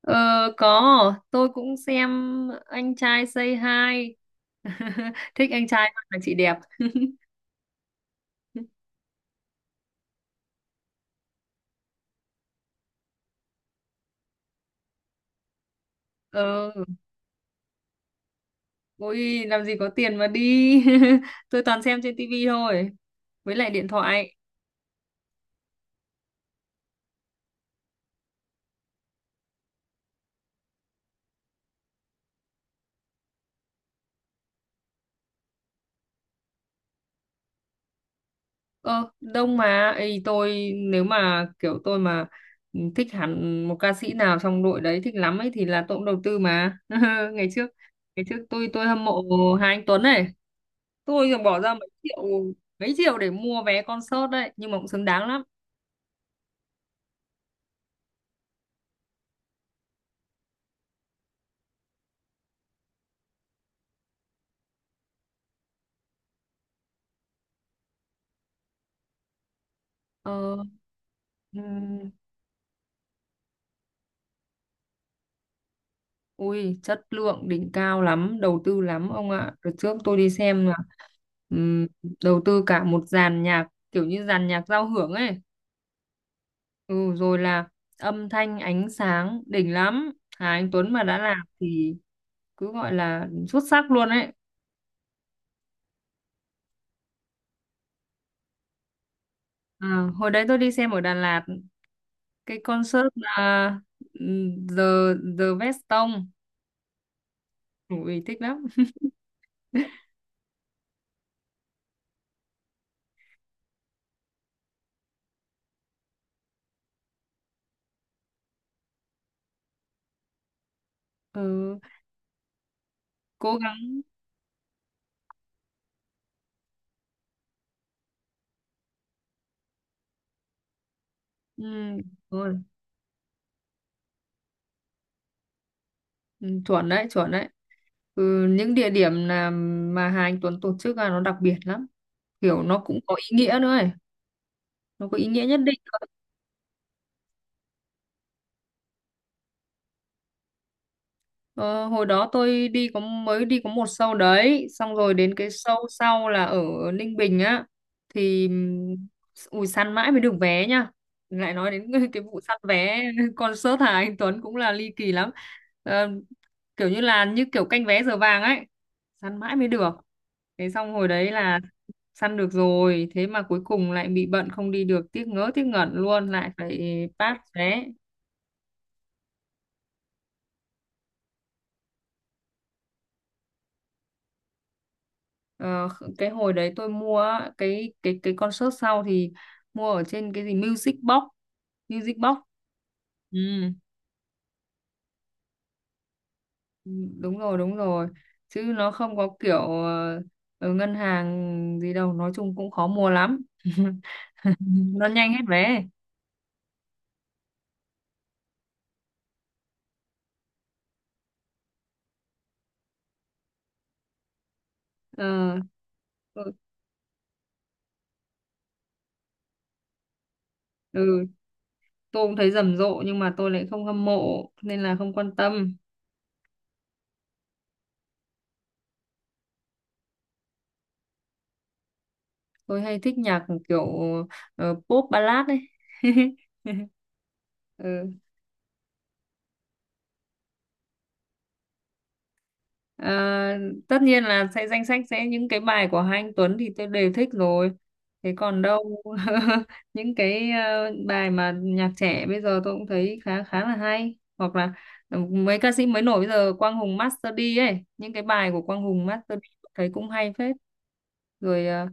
Ờ, có, tôi cũng xem anh trai Say Hi. Thích anh trai hơn là chị đẹp. Ờ, Ôi, làm gì có tiền mà đi. Tôi toàn xem trên tivi thôi. Với lại điện thoại. Ờ, Đông mà. Ê, nếu mà kiểu tôi mà thích hẳn một ca sĩ nào trong đội đấy thích lắm ấy thì là tôi cũng đầu tư mà. Ngày trước, ngày trước, tôi hâm mộ Hà Anh Tuấn này. Tôi thì bỏ ra mấy triệu để mua vé concert đấy, nhưng mà cũng xứng đáng lắm. ờ, ừm, Ui, chất lượng đỉnh cao lắm, đầu tư lắm ông ạ. Đợt trước tôi đi xem là ừm, đầu tư cả một dàn nhạc kiểu như dàn nhạc giao hưởng ấy. Ừ, Rồi là âm thanh ánh sáng đỉnh lắm. Hà Anh Tuấn mà đã làm thì cứ gọi là xuất sắc luôn ấy. à, Hồi đấy tôi đi xem ở Đà Lạt, cái concert là ừm, The The Veston. Ui thích lắm. Ừ, cố gắng. Ừ, đúng rồi. Ừ, chuẩn đấy, chuẩn đấy. Ừ, những địa điểm là mà Hà Anh Tuấn tổ chức là nó đặc biệt lắm, kiểu nó cũng có ý nghĩa nữa ấy, nó có ý nghĩa nhất định. Ờ, hồi đó tôi đi có, mới đi có một show đấy xong rồi đến cái show sau là ở Ninh Bình á, thì ui săn mãi mới được vé nha. Lại nói đến cái vụ săn vé concert Hà Anh Tuấn cũng là ly kỳ lắm. Ờ, kiểu như là như kiểu canh vé giờ vàng ấy, săn mãi mới được. Thế xong hồi đấy là săn được rồi thế mà cuối cùng lại bị bận không đi được, tiếc ngớ tiếc ngẩn luôn, lại phải pass vé. Ờ, cái hồi đấy tôi mua á, cái concert sau thì mua ở trên cái gì Music Box, Music Box. Ừ. Ừ, đúng rồi, đúng rồi, chứ nó không có kiểu ở ngân hàng gì đâu, nói chung cũng khó mua lắm. Nó nhanh hết vé. Ờ, ừ, ừ, tôi cũng thấy rầm rộ nhưng mà tôi lại không hâm mộ nên là không quan tâm. Tôi hay thích nhạc kiểu pop ballad ấy. Ừ. Ờ, tất nhiên là sẽ danh sách sẽ những cái bài của hai anh Tuấn thì tôi đều thích rồi. Thế còn đâu những cái bài mà nhạc trẻ bây giờ tôi cũng thấy khá khá là hay, hoặc là mấy ca sĩ mới nổi bây giờ Quang Hùng Master D ấy, những cái bài của Quang Hùng Master D tôi thấy cũng hay phết. Rồi ờ,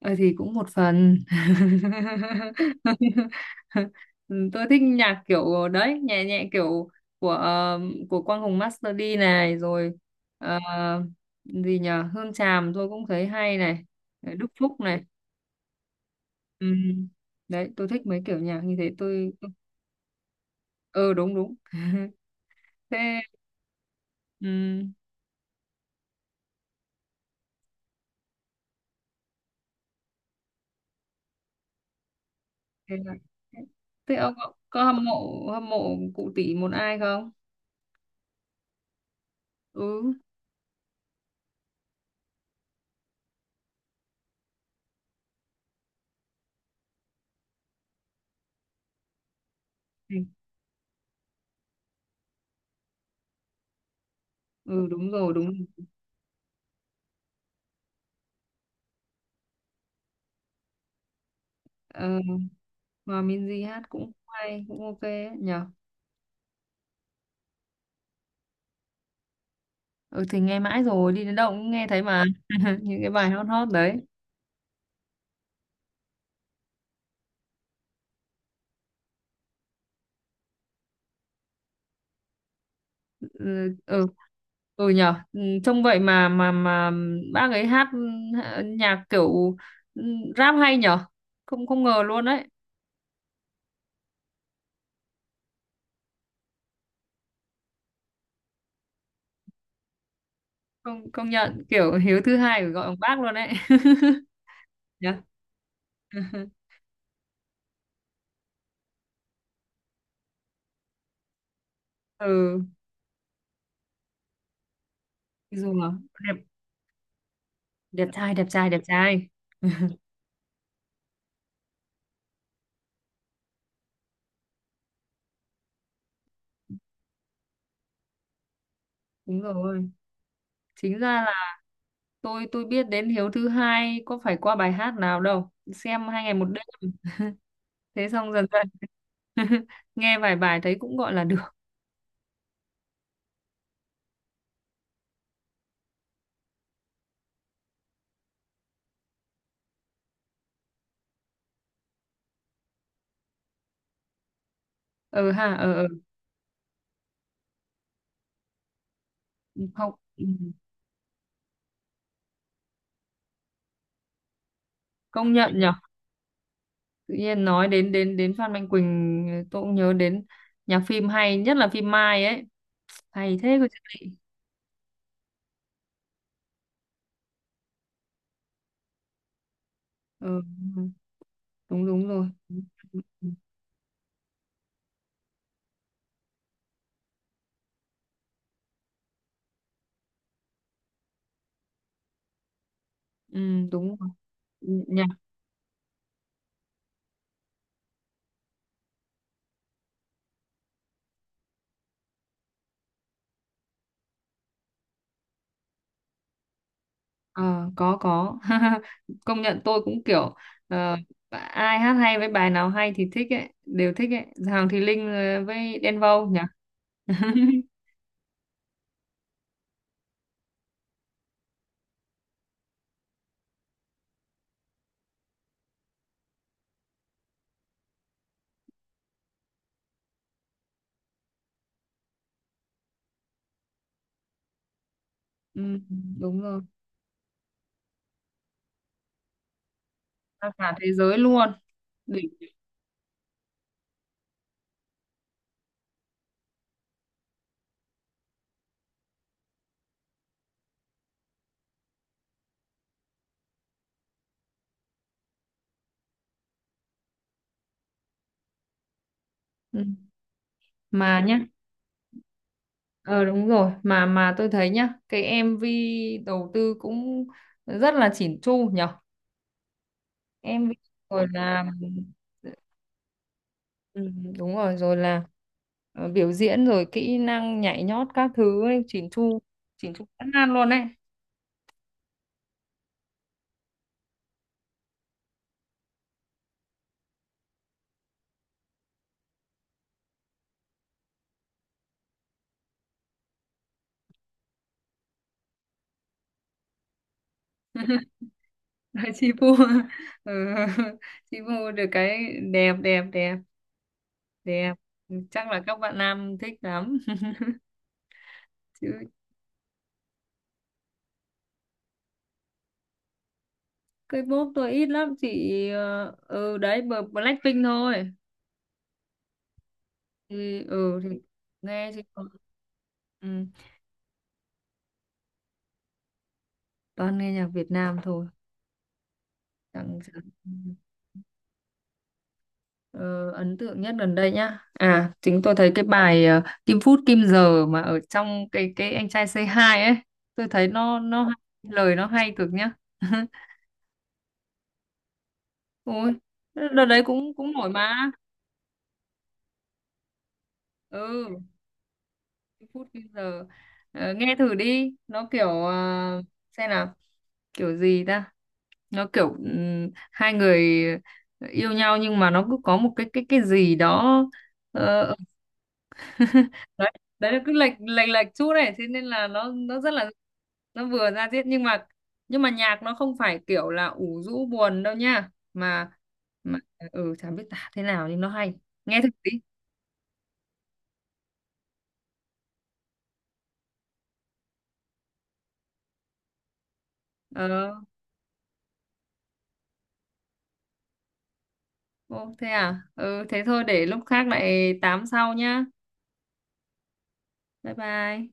Ờ thì cũng một phần. Tôi thích nhạc kiểu đấy, nhẹ nhẹ kiểu của ờ, của Quang Hùng Master D này, rồi ờ, gì nhờ Hương Tràm tôi cũng thấy hay này, Đức Phúc này. Ừm, đấy tôi thích mấy kiểu nhạc như thế. Tôi ừ, đúng đúng. Thế ừm, thế, là- thế ông có hâm mộ cụ tỷ một ai không? Ừ, ừ, đúng rồi đúng. Ờ, Hòa Minzy hát cũng hay, cũng ok ấy, nhở. Ừ thì nghe mãi rồi, đi đến đâu cũng nghe thấy mà. Những cái bài hot hot đấy. Ừ, ừ, ừ nhở, ừ, trông vậy mà bác ấy hát, nhạc kiểu ừ, rap hay nhở, không không ngờ luôn đấy. Công công nhận, kiểu Hiếu Thứ Hai phải gọi bằng bác luôn đấy. Nhở. Ừ, dù là đẹp, đẹp trai. Đúng rồi. Chính ra là tôi biết đến Hiếu Thứ Hai có phải qua bài hát nào đâu, xem hai ngày một đêm, thế xong dần dần nghe vài bài thấy cũng gọi là được. Ừ ha, ừ, ừ. Không, ừ. Công nhận nhở. Tự nhiên nói đến đến đến Phan Mạnh Quỳnh tôi cũng nhớ đến nhạc phim, hay nhất là phim Mai ấy, hay thế cơ chứ. Ừ. Đúng đúng rồi. Ừ, ừ, ừ, ừ, đúng rồi. Nhạc Ờ, có có. Công nhận tôi cũng kiểu ờ, ai hát hay với bài nào hay thì thích ấy, đều thích ấy. Hoàng Thùy Linh với Đen Vâu nhỉ. Ừ, đúng rồi. Ra cả thế giới luôn. Đỉnh. Ừ. Mà nhá, ờ đúng rồi, mà tôi thấy nhá cái MV đầu tư cũng rất là chỉn chu nhỉ. MV rồi là. Ừ, đúng rồi, rồi là biểu diễn rồi kỹ năng nhảy nhót các thứ ấy, chỉn chu, chỉn chu ăn nan luôn đấy. Chị Pu. Ừ, chị Pu được cái đẹp, đẹp. Ừ, chắc là các bạn nam thích lắm. Chứ K-pop tôi ít lắm chị. Ờ, ừ đấy, bờ- Blackpink thôi. Thì ừ nghe chứ còn- ừ, toàn nghe nhạc Việt Nam thôi, chẳng chẳng- Ờ, ấn tượng nhất gần đây nhá. À, chính tôi thấy cái bài Kim Phút Kim Giờ mà ở trong cái anh trai Say Hi ấy, tôi thấy nó hay, lời nó hay cực nhá. Ôi, đợt đấy cũng cũng nổi mà. Ừ, Kim Phút Kim Giờ. Ờ, nghe thử đi, nó kiểu xem nào, kiểu gì ta? Nó kiểu hai người yêu nhau nhưng mà nó cứ có một cái gì đó, ờ. Đấy, đấy là cứ lệch lệch lệch chút này, thế nên là nó rất là, nó vừa ra diết nhưng mà, nhưng mà nhạc nó không phải kiểu là ủ rũ buồn đâu nha, mà ừ chả biết tả thế nào nhưng nó hay. Nghe thử đi. Ờ, ô thế à, ừ thế thôi, để lúc khác lại tám sau nhá. Bye bye.